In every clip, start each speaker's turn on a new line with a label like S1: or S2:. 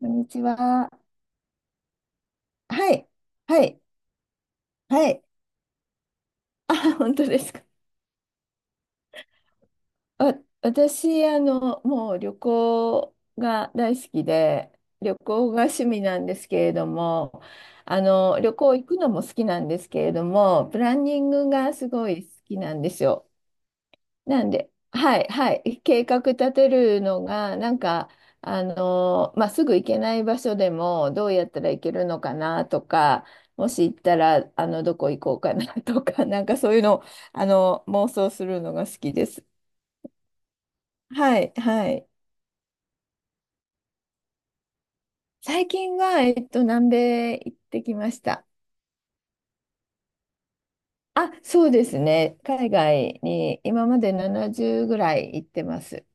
S1: こんにちは。はい。はい。はい。あ、本当ですか。あ、私、もう旅行が大好きで、旅行が趣味なんですけれども、旅行行くのも好きなんですけれども、プランニングがすごい好きなんですよ。なんで、はい、はい、計画立てるのが、なんか、まあ、すぐ行けない場所でも、どうやったら行けるのかなとか、もし行ったら、どこ行こうかなとか、なんかそういうのを、妄想するのが好きです。はい、はい。最近は、南米行ってきました。あ、そうですね。海外に今まで70ぐらい行ってます。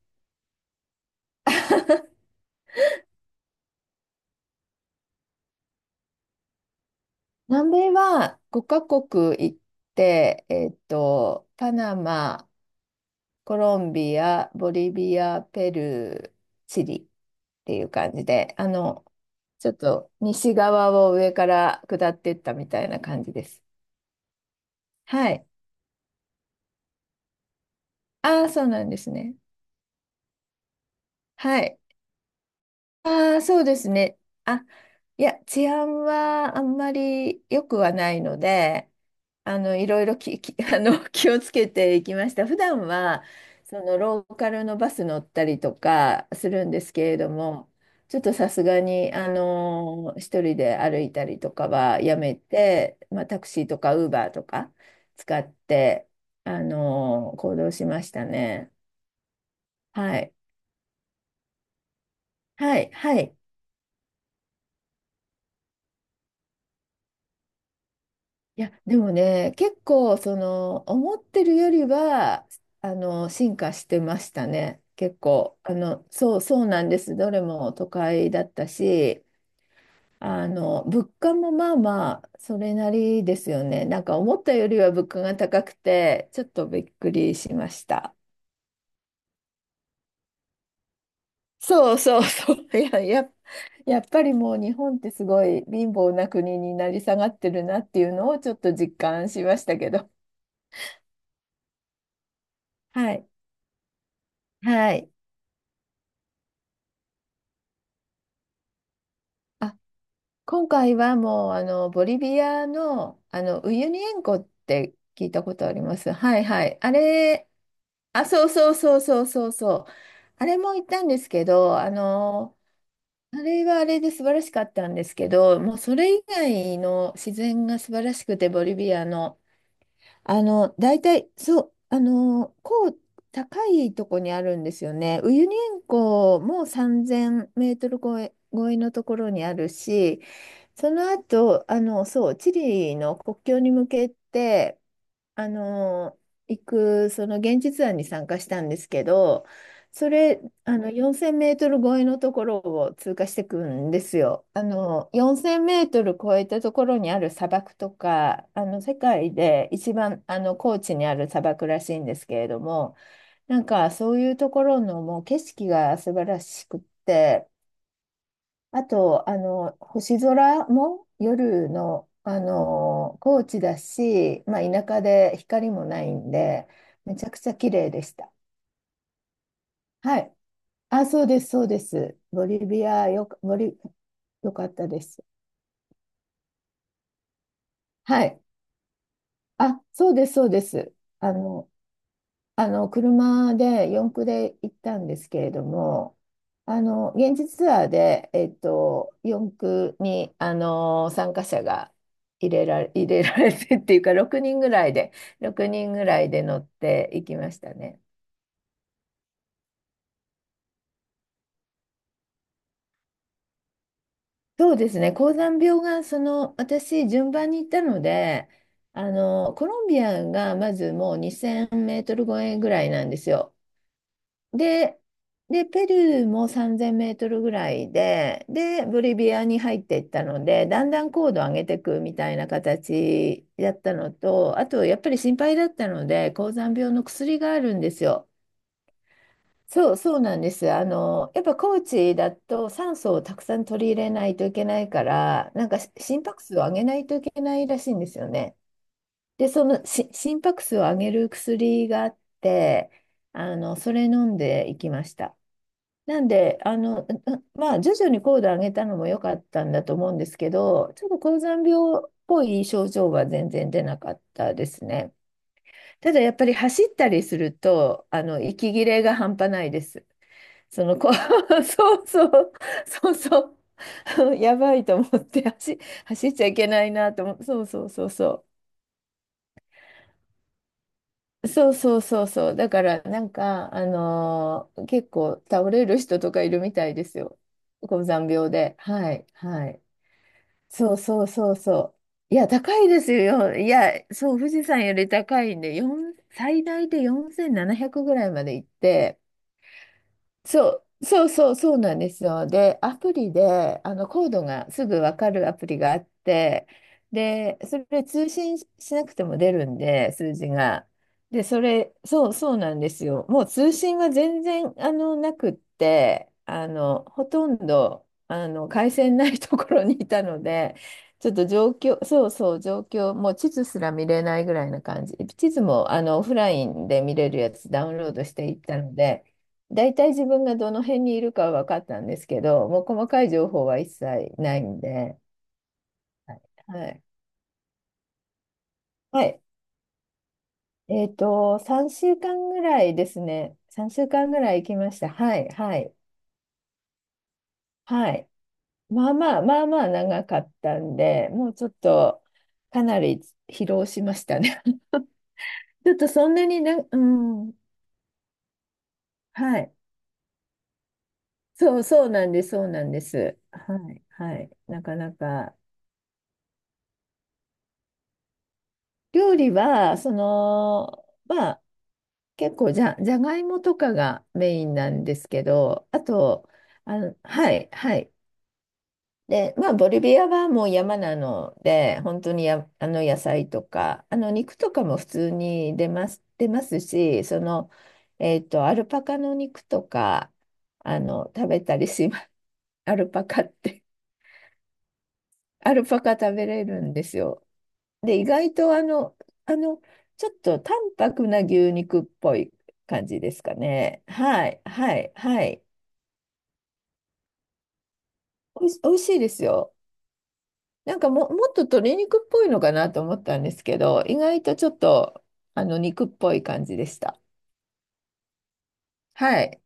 S1: 南米は5カ国行って、パナマ、コロンビア、ボリビア、ペルー、チリっていう感じで、ちょっと西側を上から下っていったみたいな感じです。はい。ああ、そうなんですね。はい。ああ、そうですね。あ、いや、治安はあんまり良くはないので、いろいろ気をつけていきました。普段は、ローカルのバス乗ったりとかするんですけれども、ちょっとさすがに、一人で歩いたりとかはやめて、まあ、タクシーとかウーバーとか使って、行動しましたね。はい。はい、はい。いや、でもね、結構、思ってるよりは、進化してましたね。結構、そう、そうなんです。どれも都会だったし、物価もまあまあ、それなりですよね。なんか思ったよりは物価が高くて、ちょっとびっくりしました。そうそうそう。いや、やっぱりもう日本ってすごい貧乏な国になり下がってるなっていうのをちょっと実感しましたけど。はい。はい。あ、今回はもうボリビアの、あのウユニ塩湖って聞いたことあります？はいはい。あれ、あ、そうそうそうそうそうそう。あれも行ったんですけど、あれはあれで素晴らしかったんですけど、もうそれ以外の自然が素晴らしくて、ボリビアの、大体、そう、高いとこにあるんですよね。ウユニ塩湖も3000メートル超えのところにあるし、その後、そう、チリの国境に向けて、あの、その現実案に参加したんですけど、それ、4000メートル超えのところを通過していくんですよ。4000メートル超えたところにある砂漠とか、世界で一番、高地にある砂漠らしいんですけれども、なんか、そういうところのもう景色が素晴らしくって、あと、星空も夜の、高知だし、まあ、田舎で光もないんで、めちゃくちゃ綺麗でした。はい。あ、そうです、そうです。ボリビア、よかったです。はい。あ、そうです、そうです。あの、車で四駆で行ったんですけれども、現地ツアーで、四駆に、参加者が入れられてっていうか、6人ぐらいで、6人ぐらいで乗っていきましたね。そうですね、高山病が、私、順番に行ったので、コロンビアがまずもう2000メートル超えぐらいなんですよ。で、で、ペルーも3000メートルぐらいで、で、ボリビアに入っていったので、だんだん高度を上げていくみたいな形だったのと、あと、やっぱり心配だったので、高山病の薬があるんですよ。そう、そうなんです。やっぱ高地だと酸素をたくさん取り入れないといけないから、なんか心拍数を上げないといけないらしいんですよね。で、その心拍数を上げる薬があって、それ飲んでいきました。なんで、まあ、徐々に高度を上げたのも良かったんだと思うんですけど、ちょっと高山病っぽい症状は全然出なかったですね。ただやっぱり走ったりすると、息切れが半端ないです。そうそう、そうそう、やばいと思って走っちゃいけないなと思って、そうそうそうそう。そうそうそうそう。だからなんか、結構倒れる人とかいるみたいですよ。高山病で。はい、はい。そうそうそうそう。いや、高いですよ。いや、そう、富士山より高いんで、4、最大で4700ぐらいまで行って、そう、そうそうそうなんですよ。で、アプリでコードがすぐ分かるアプリがあって、で、それで通信しなくても出るんで、数字が。で、それ、そうそうなんですよ。もう通信は全然なくって、ほとんど回線ないところにいたので、ちょっと状況、そうそう、状況、もう地図すら見れないぐらいな感じ。地図もオフラインで見れるやつダウンロードしていったので。大体自分がどの辺にいるかは分かったんですけど、もう細かい情報は一切ないんで、はい。はい。3週間ぐらいですね。3週間ぐらい行きました。はい、はい、はい。まあまあ、まあまあ長かったんで、もうちょっとかなり疲労しましたね。ちょっとそんなにな、うん、はい。そう、そうなんです、そうなんです。はい、はい。なかなか。料理は、まあ、結構じゃがいもとかがメインなんですけど、あと、はい、はい。で、まあ、ボリビアはもう山なので、本当に野菜とか、肉とかも普通に出ますし、アルパカの肉とか、食べたりします。アルパカって、アルパカ食べれるんですよ。で、意外とあの、ちょっと淡白な牛肉っぽい感じですかね。はい、はい、はい。おいし、美味しいですよ。なんかもっと鶏肉っぽいのかなと思ったんですけど、意外とちょっと、肉っぽい感じでした。はい。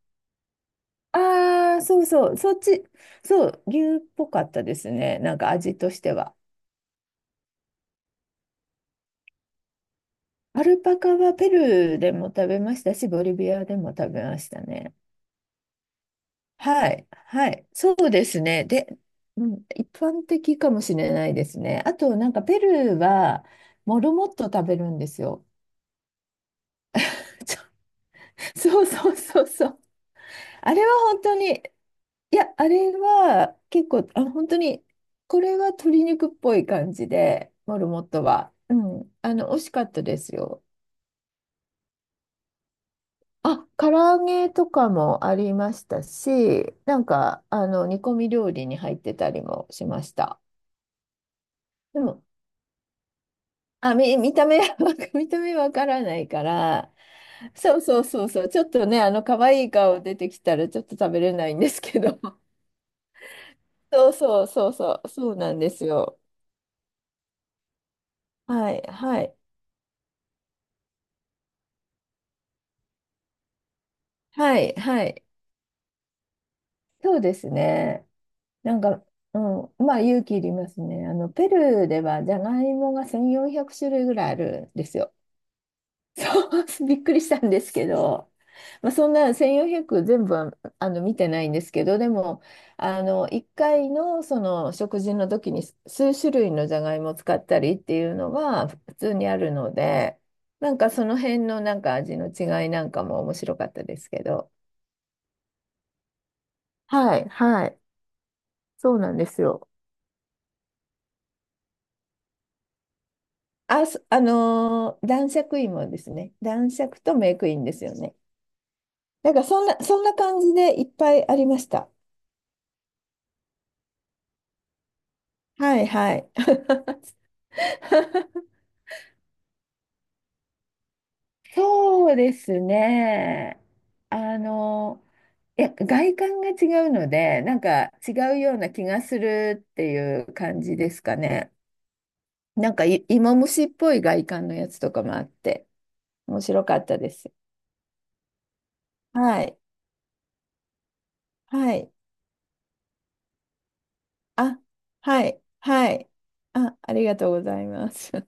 S1: ああ、そうそう、そっち、そう、牛っぽかったですね。なんか味としては。アルパカはペルーでも食べましたし、ボリビアでも食べましたね。はい、はい、そうですね。で、うん、一般的かもしれないですね。あと、なんかペルーはモルモット食べるんですよ。ちょそうそうそうそう。あれは本当に、いや、あれは結構、本当に、これは鶏肉っぽい感じで、モルモットは。うん、美味しかったですよ。あ、唐揚げとかもありましたし、なんか、煮込み料理に入ってたりもしました。でもあ、見た目は、見た目わからないから、そうそうそうそう、ちょっとね、可愛い顔出てきたらちょっと食べれないんですけど、そうそうそうそう、そうなんですよ。はい、はい、はい、はい、そうですね。なんか、うん、まあ勇気いりますね。ペルーではじゃがいもが1400種類ぐらいあるんですよ。そう、びっくりしたんですけど、まあ、そんな1400全部は見てないんですけど、でも、1回のその食事の時に数種類のじゃがいもを使ったりっていうのは普通にあるので、なんかその辺のなんか味の違いなんかも面白かったですけど。はい、はい、そうなんですよ。あ、そあのー男爵芋ですね。男爵とメイクインですよね。なんかそんな感じでいっぱいありました。はいはい。そうですね。あの、いや、外観が違うので、なんか違うような気がするっていう感じですかね。なんか芋虫っぽい外観のやつとかもあって、面白かったです。はい。はい。あ、はい。はい。あ、ありがとうございます。